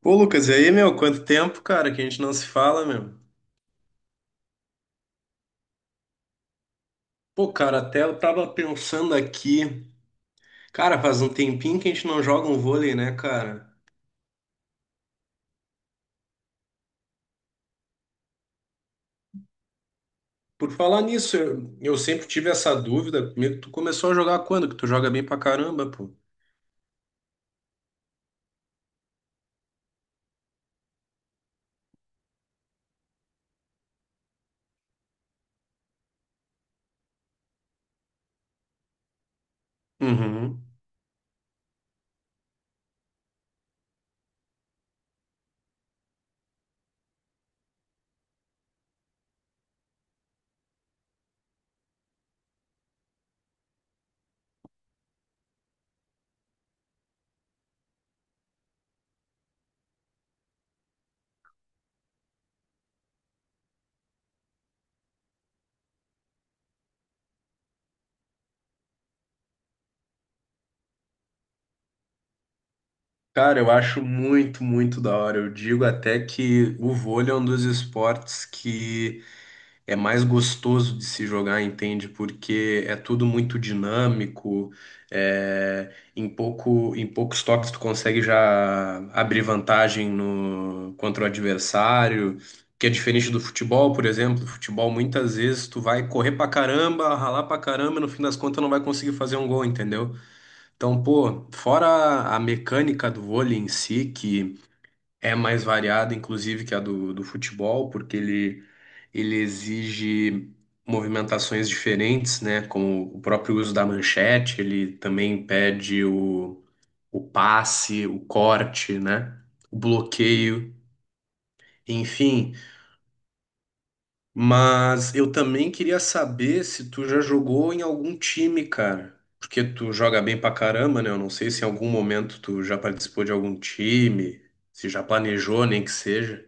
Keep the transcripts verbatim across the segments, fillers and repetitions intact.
Pô, Lucas, e aí, meu? Quanto tempo, cara, que a gente não se fala, meu? Pô, cara, até eu tava pensando aqui. Cara, faz um tempinho que a gente não joga um vôlei, né, cara? Por falar nisso, eu, eu sempre tive essa dúvida comigo. Tu começou a jogar quando? Que tu joga bem pra caramba, pô. Uhum. Cara, eu acho muito, muito da hora. Eu digo até que o vôlei é um dos esportes que é mais gostoso de se jogar, entende? Porque é tudo muito dinâmico, é, em pouco, em poucos toques tu consegue já abrir vantagem no, contra o adversário, que é diferente do futebol, por exemplo. Futebol, muitas vezes, tu vai correr pra caramba, ralar pra caramba, e no fim das contas não vai conseguir fazer um gol, entendeu? Então, pô, fora a mecânica do vôlei em si, que é mais variada, inclusive, que a do, do futebol, porque ele, ele exige movimentações diferentes, né? Como o próprio uso da manchete, ele também pede o, o passe, o corte, né? O bloqueio, enfim. Mas eu também queria saber se tu já jogou em algum time, cara. Porque tu joga bem pra caramba, né? Eu não sei se em algum momento tu já participou de algum time, se já planejou, nem que seja.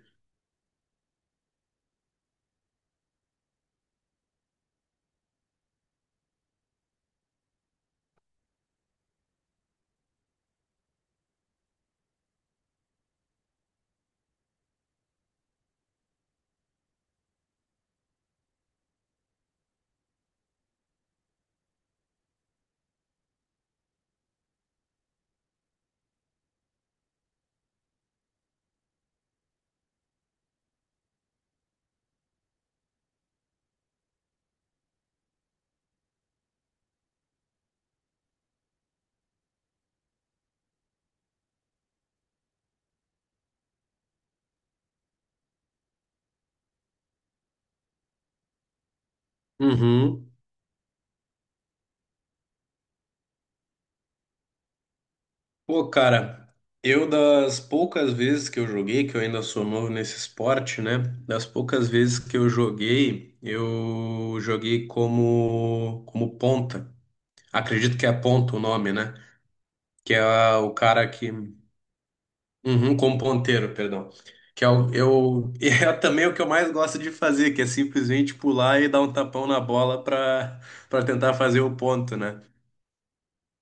Uhum. Pô, cara, eu das poucas vezes que eu joguei, que eu ainda sou novo nesse esporte, né? Das poucas vezes que eu joguei, eu joguei como como ponta. Acredito que é ponta o nome, né? Que é o cara que, uhum, como ponteiro, perdão. Que é o, eu é também o que eu mais gosto de fazer, que é simplesmente pular e dar um tapão na bola para para tentar fazer o ponto, né?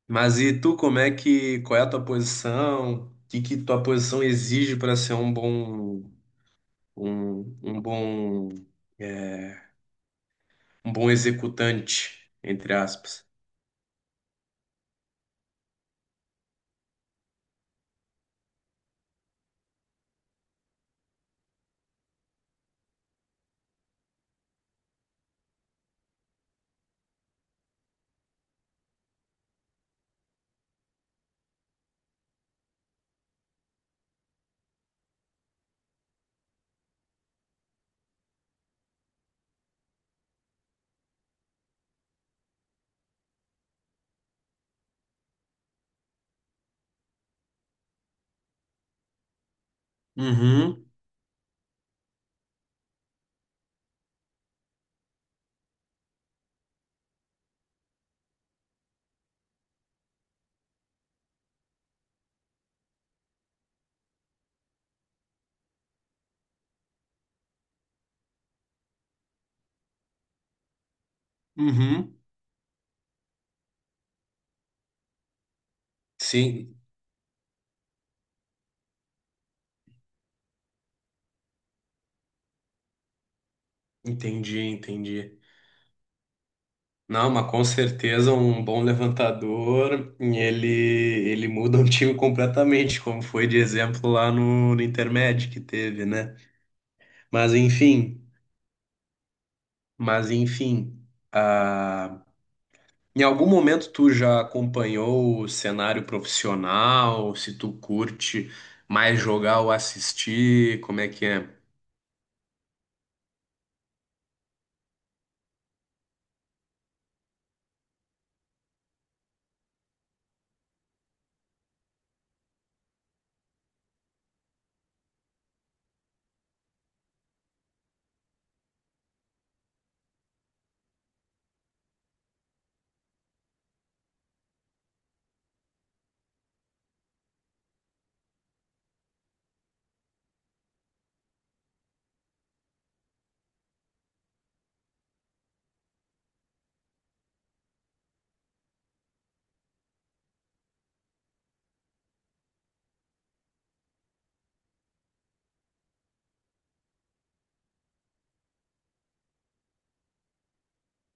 Mas e tu, como é que, qual é a tua posição? O que que tua posição exige para ser um bom, um, um bom, é, um bom executante, entre aspas? Uhum, uhum. Sim, entendi, entendi. Não, mas com certeza um bom levantador, ele, ele muda um time completamente, como foi de exemplo lá no, no Intermédio que teve, né? Mas enfim, mas enfim, ah, em algum momento tu já acompanhou o cenário profissional? Se tu curte mais jogar ou assistir, como é que é?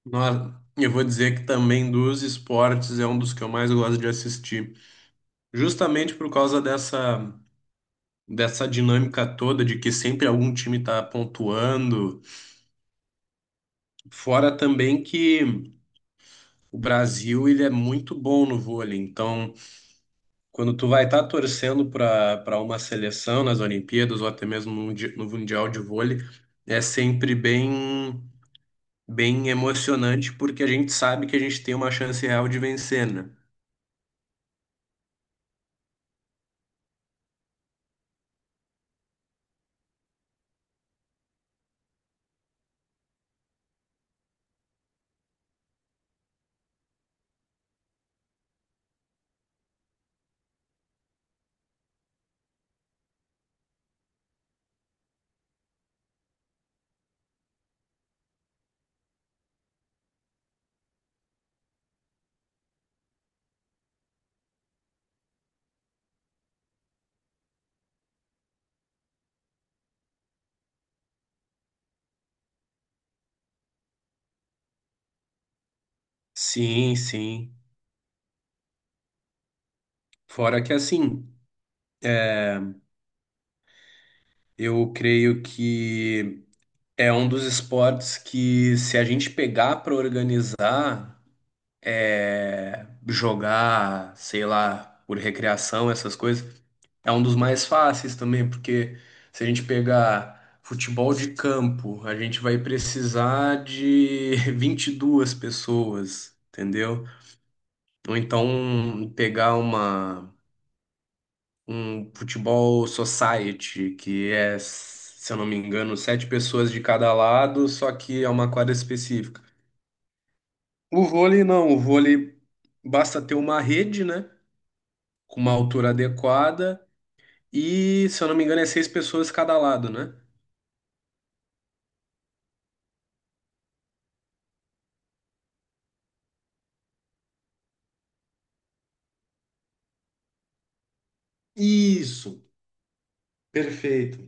Nó- Eu vou dizer que também dos esportes é um dos que eu mais gosto de assistir, justamente por causa dessa dessa dinâmica toda de que sempre algum time está pontuando. Fora também que o Brasil ele é muito bom no vôlei, então quando tu vai estar torcendo para para uma seleção nas Olimpíadas ou até mesmo no Mundi- no Mundial de Vôlei, é sempre bem bem emocionante porque a gente sabe que a gente tem uma chance real de vencer, né? Sim, sim. Fora que assim, eu creio que é um dos esportes que, se a gente pegar para organizar, é, jogar, sei lá, por recreação, essas coisas, é um dos mais fáceis também, porque se a gente pegar futebol de campo, a gente vai precisar de vinte e duas pessoas, entendeu? Ou então pegar uma, um futebol society, que é, se eu não me engano, sete pessoas de cada lado, só que é uma quadra específica. O vôlei não, o vôlei basta ter uma rede, né? Com uma altura adequada e, se eu não me engano, é seis pessoas cada lado, né? Isso, perfeito.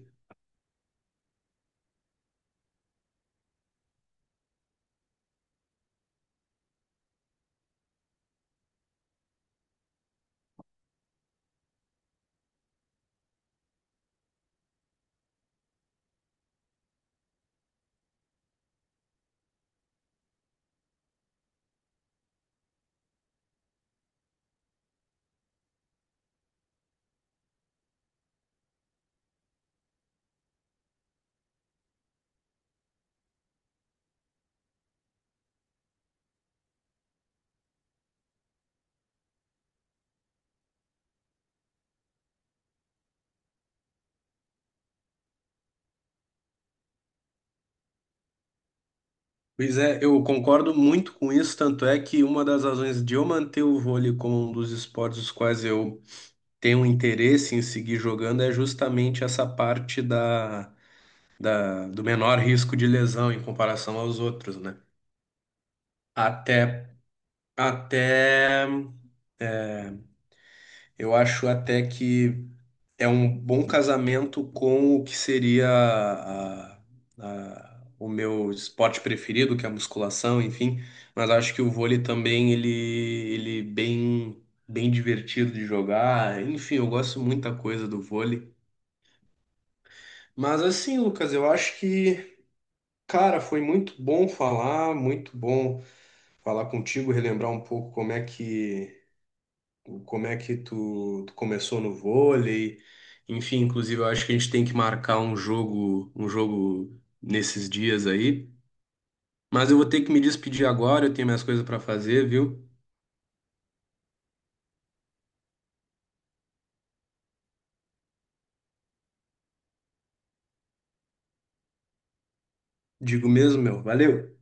Pois é, eu concordo muito com isso, tanto é que uma das razões de eu manter o vôlei como um dos esportes os quais eu tenho interesse em seguir jogando é justamente essa parte da, da, do menor risco de lesão em comparação aos outros, né? Até, até, é, eu acho até que é um bom casamento com o que seria a- a- o meu esporte preferido, que é a musculação, enfim. Mas acho que o vôlei também, ele, ele bem, bem divertido de jogar. Enfim, eu gosto muita coisa do vôlei. Mas assim, Lucas, eu acho que, cara, foi muito bom falar, muito bom falar contigo, relembrar um pouco como é que como é que tu, tu começou no vôlei. Enfim, inclusive eu acho que a gente tem que marcar um jogo, um jogo nesses dias aí. Mas eu vou ter que me despedir agora, eu tenho minhas coisas para fazer, viu? Digo mesmo, meu. Valeu.